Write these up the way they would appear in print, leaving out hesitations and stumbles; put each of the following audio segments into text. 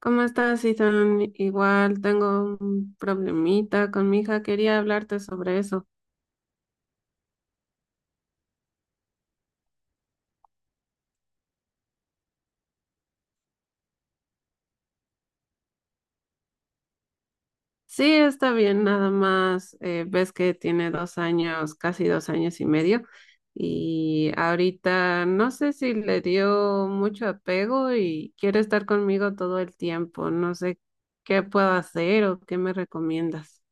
¿Cómo estás, Ethan? Igual tengo un problemita con mi hija, quería hablarte sobre eso. Sí, está bien, nada más ves que tiene 2 años, casi 2 años y medio, y ahorita no sé si le dio mucho apego y quiere estar conmigo todo el tiempo, no sé qué puedo hacer o qué me recomiendas.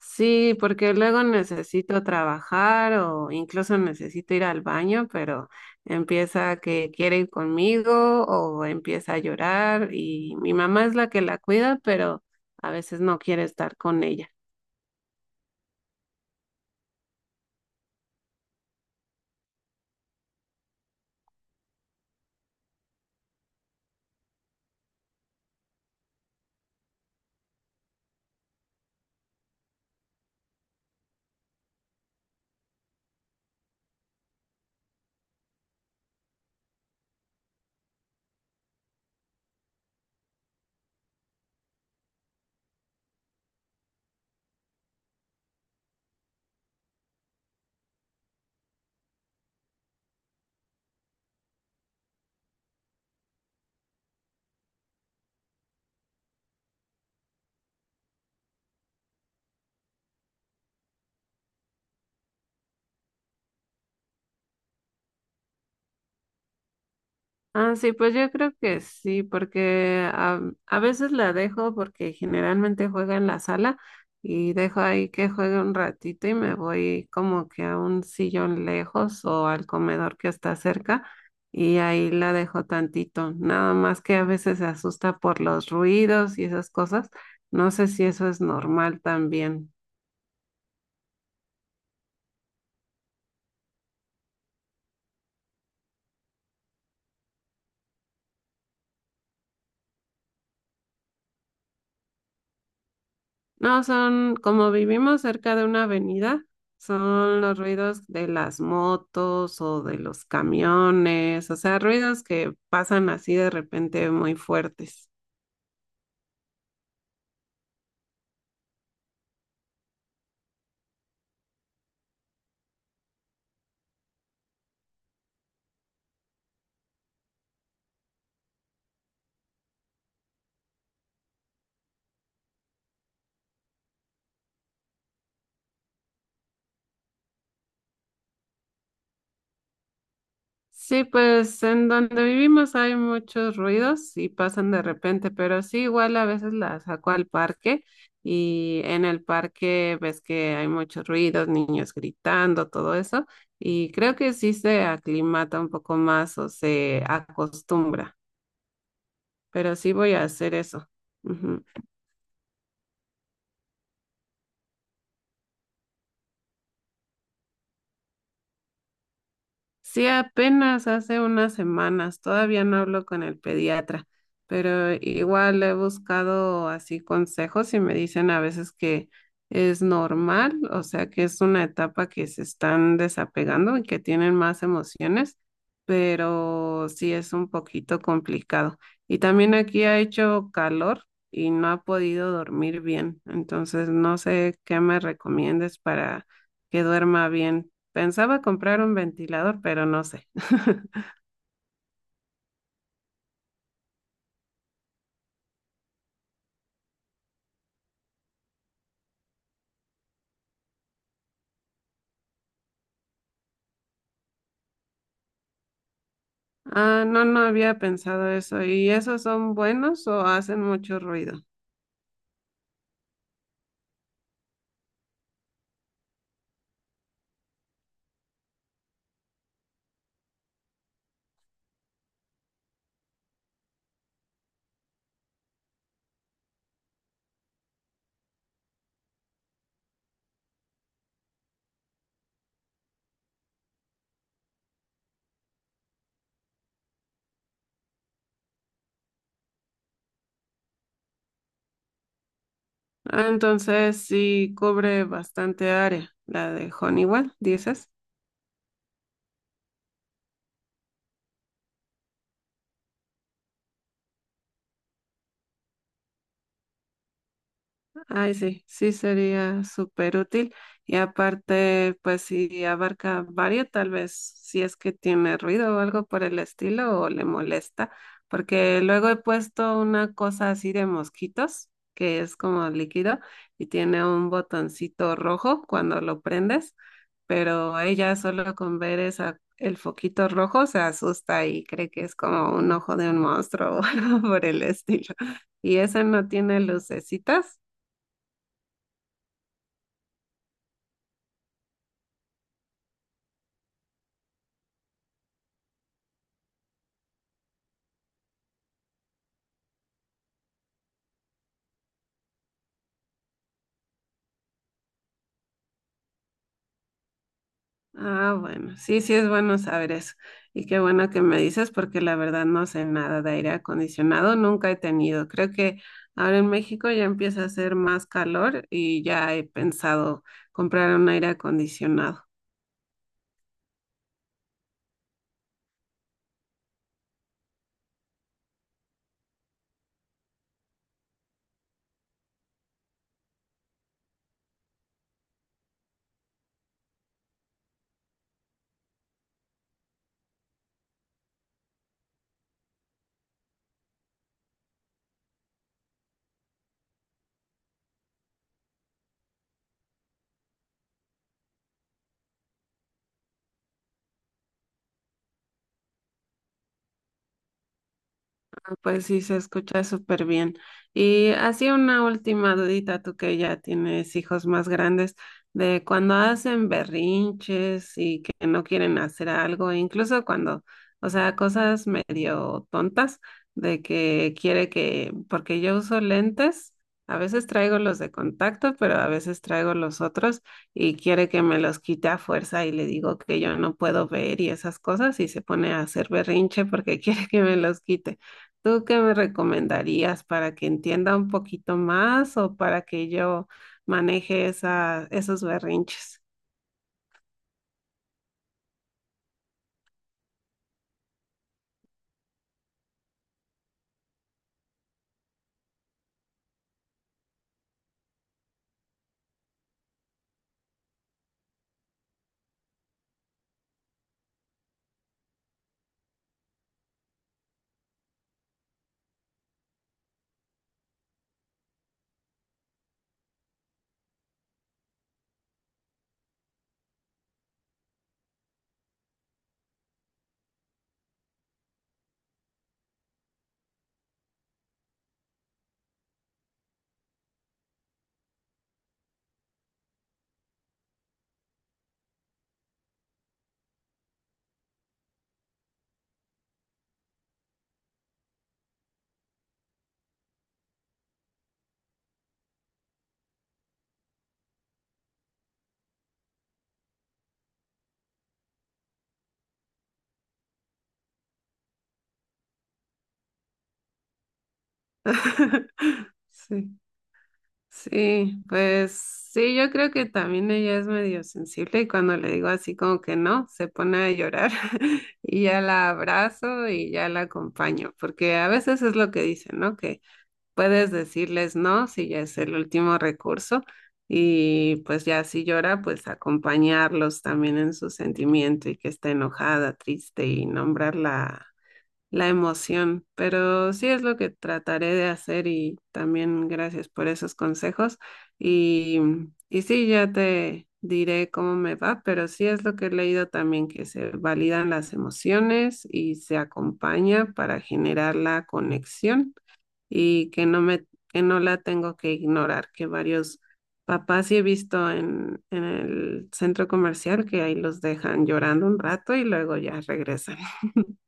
Sí, porque luego necesito trabajar o incluso necesito ir al baño, pero empieza que quiere ir conmigo o empieza a llorar y mi mamá es la que la cuida, pero a veces no quiere estar con ella. Ah, sí, pues yo creo que sí, porque a veces la dejo porque generalmente juega en la sala y dejo ahí que juegue un ratito y me voy como que a un sillón lejos o al comedor que está cerca y ahí la dejo tantito, nada más que a veces se asusta por los ruidos y esas cosas. No sé si eso es normal también. No, son, como vivimos cerca de una avenida, son los ruidos de las motos o de los camiones, o sea, ruidos que pasan así de repente muy fuertes. Sí, pues en donde vivimos hay muchos ruidos y pasan de repente, pero sí, igual a veces la saco al parque y en el parque ves que hay muchos ruidos, niños gritando, todo eso, y creo que sí se aclimata un poco más o se acostumbra. Pero sí voy a hacer eso. Ujú. Sí, apenas hace unas semanas, todavía no hablo con el pediatra, pero igual he buscado así consejos y me dicen a veces que es normal, o sea que es una etapa que se están desapegando y que tienen más emociones, pero sí es un poquito complicado. Y también aquí ha hecho calor y no ha podido dormir bien, entonces no sé qué me recomiendes para que duerma bien. Pensaba comprar un ventilador, pero no sé. Ah, no, no había pensado eso. ¿Y esos son buenos o hacen mucho ruido? Ah, entonces sí cubre bastante área, la de Honeywell, dices. Ay, sí, sí sería súper útil. Y aparte, pues si abarca varios, tal vez si es que tiene ruido o algo por el estilo o le molesta, porque luego he puesto una cosa así de mosquitos, que es como líquido y tiene un botoncito rojo cuando lo prendes, pero ella solo con ver esa, el foquito rojo se asusta y cree que es como un ojo de un monstruo o algo por el estilo. Y ese no tiene lucecitas. Ah, bueno, sí, sí es bueno saber eso. Y qué bueno que me dices porque la verdad no sé nada de aire acondicionado, nunca he tenido. Creo que ahora en México ya empieza a hacer más calor y ya he pensado comprar un aire acondicionado. Pues sí, se escucha súper bien. Y así una última dudita, tú que ya tienes hijos más grandes, de cuando hacen berrinches y que no quieren hacer algo, incluso cuando, o sea, cosas medio tontas, de que quiere que, porque yo uso lentes, a veces traigo los de contacto, pero a veces traigo los otros y quiere que me los quite a fuerza y le digo que yo no puedo ver y esas cosas y se pone a hacer berrinche porque quiere que me los quite. ¿Tú qué me recomendarías para que entienda un poquito más o para que yo maneje esos berrinches? Sí, sí, pues sí, yo creo que también ella es medio sensible y cuando le digo así como que no, se pone a llorar y ya la abrazo y ya la acompaño, porque a veces es lo que dicen, ¿no? Que puedes decirles no si ya es el último recurso y pues ya si llora, pues acompañarlos también en su sentimiento y que está enojada, triste y nombrar la emoción. Pero sí es lo que trataré de hacer y también gracias por esos consejos y, y sí, ya te diré cómo me va, pero sí es lo que he leído también, que se validan las emociones y se acompaña para generar la conexión y que que no la tengo que ignorar, que varios papás sí he visto en el centro comercial que ahí los dejan llorando un rato y luego ya regresan.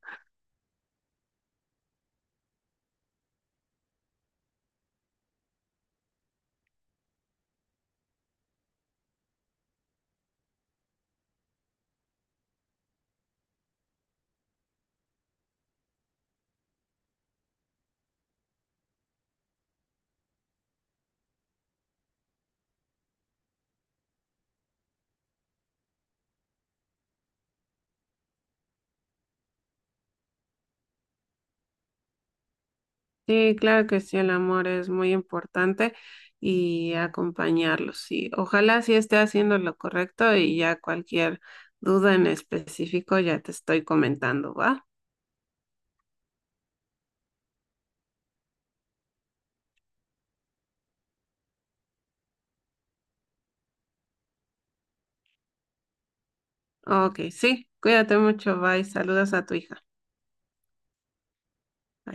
Sí, claro que sí, el amor es muy importante y acompañarlos. Sí, ojalá sí esté haciendo lo correcto y ya cualquier duda en específico ya te estoy comentando, ¿va? Ok, sí, cuídate mucho, bye, saludos a tu hija. Bye.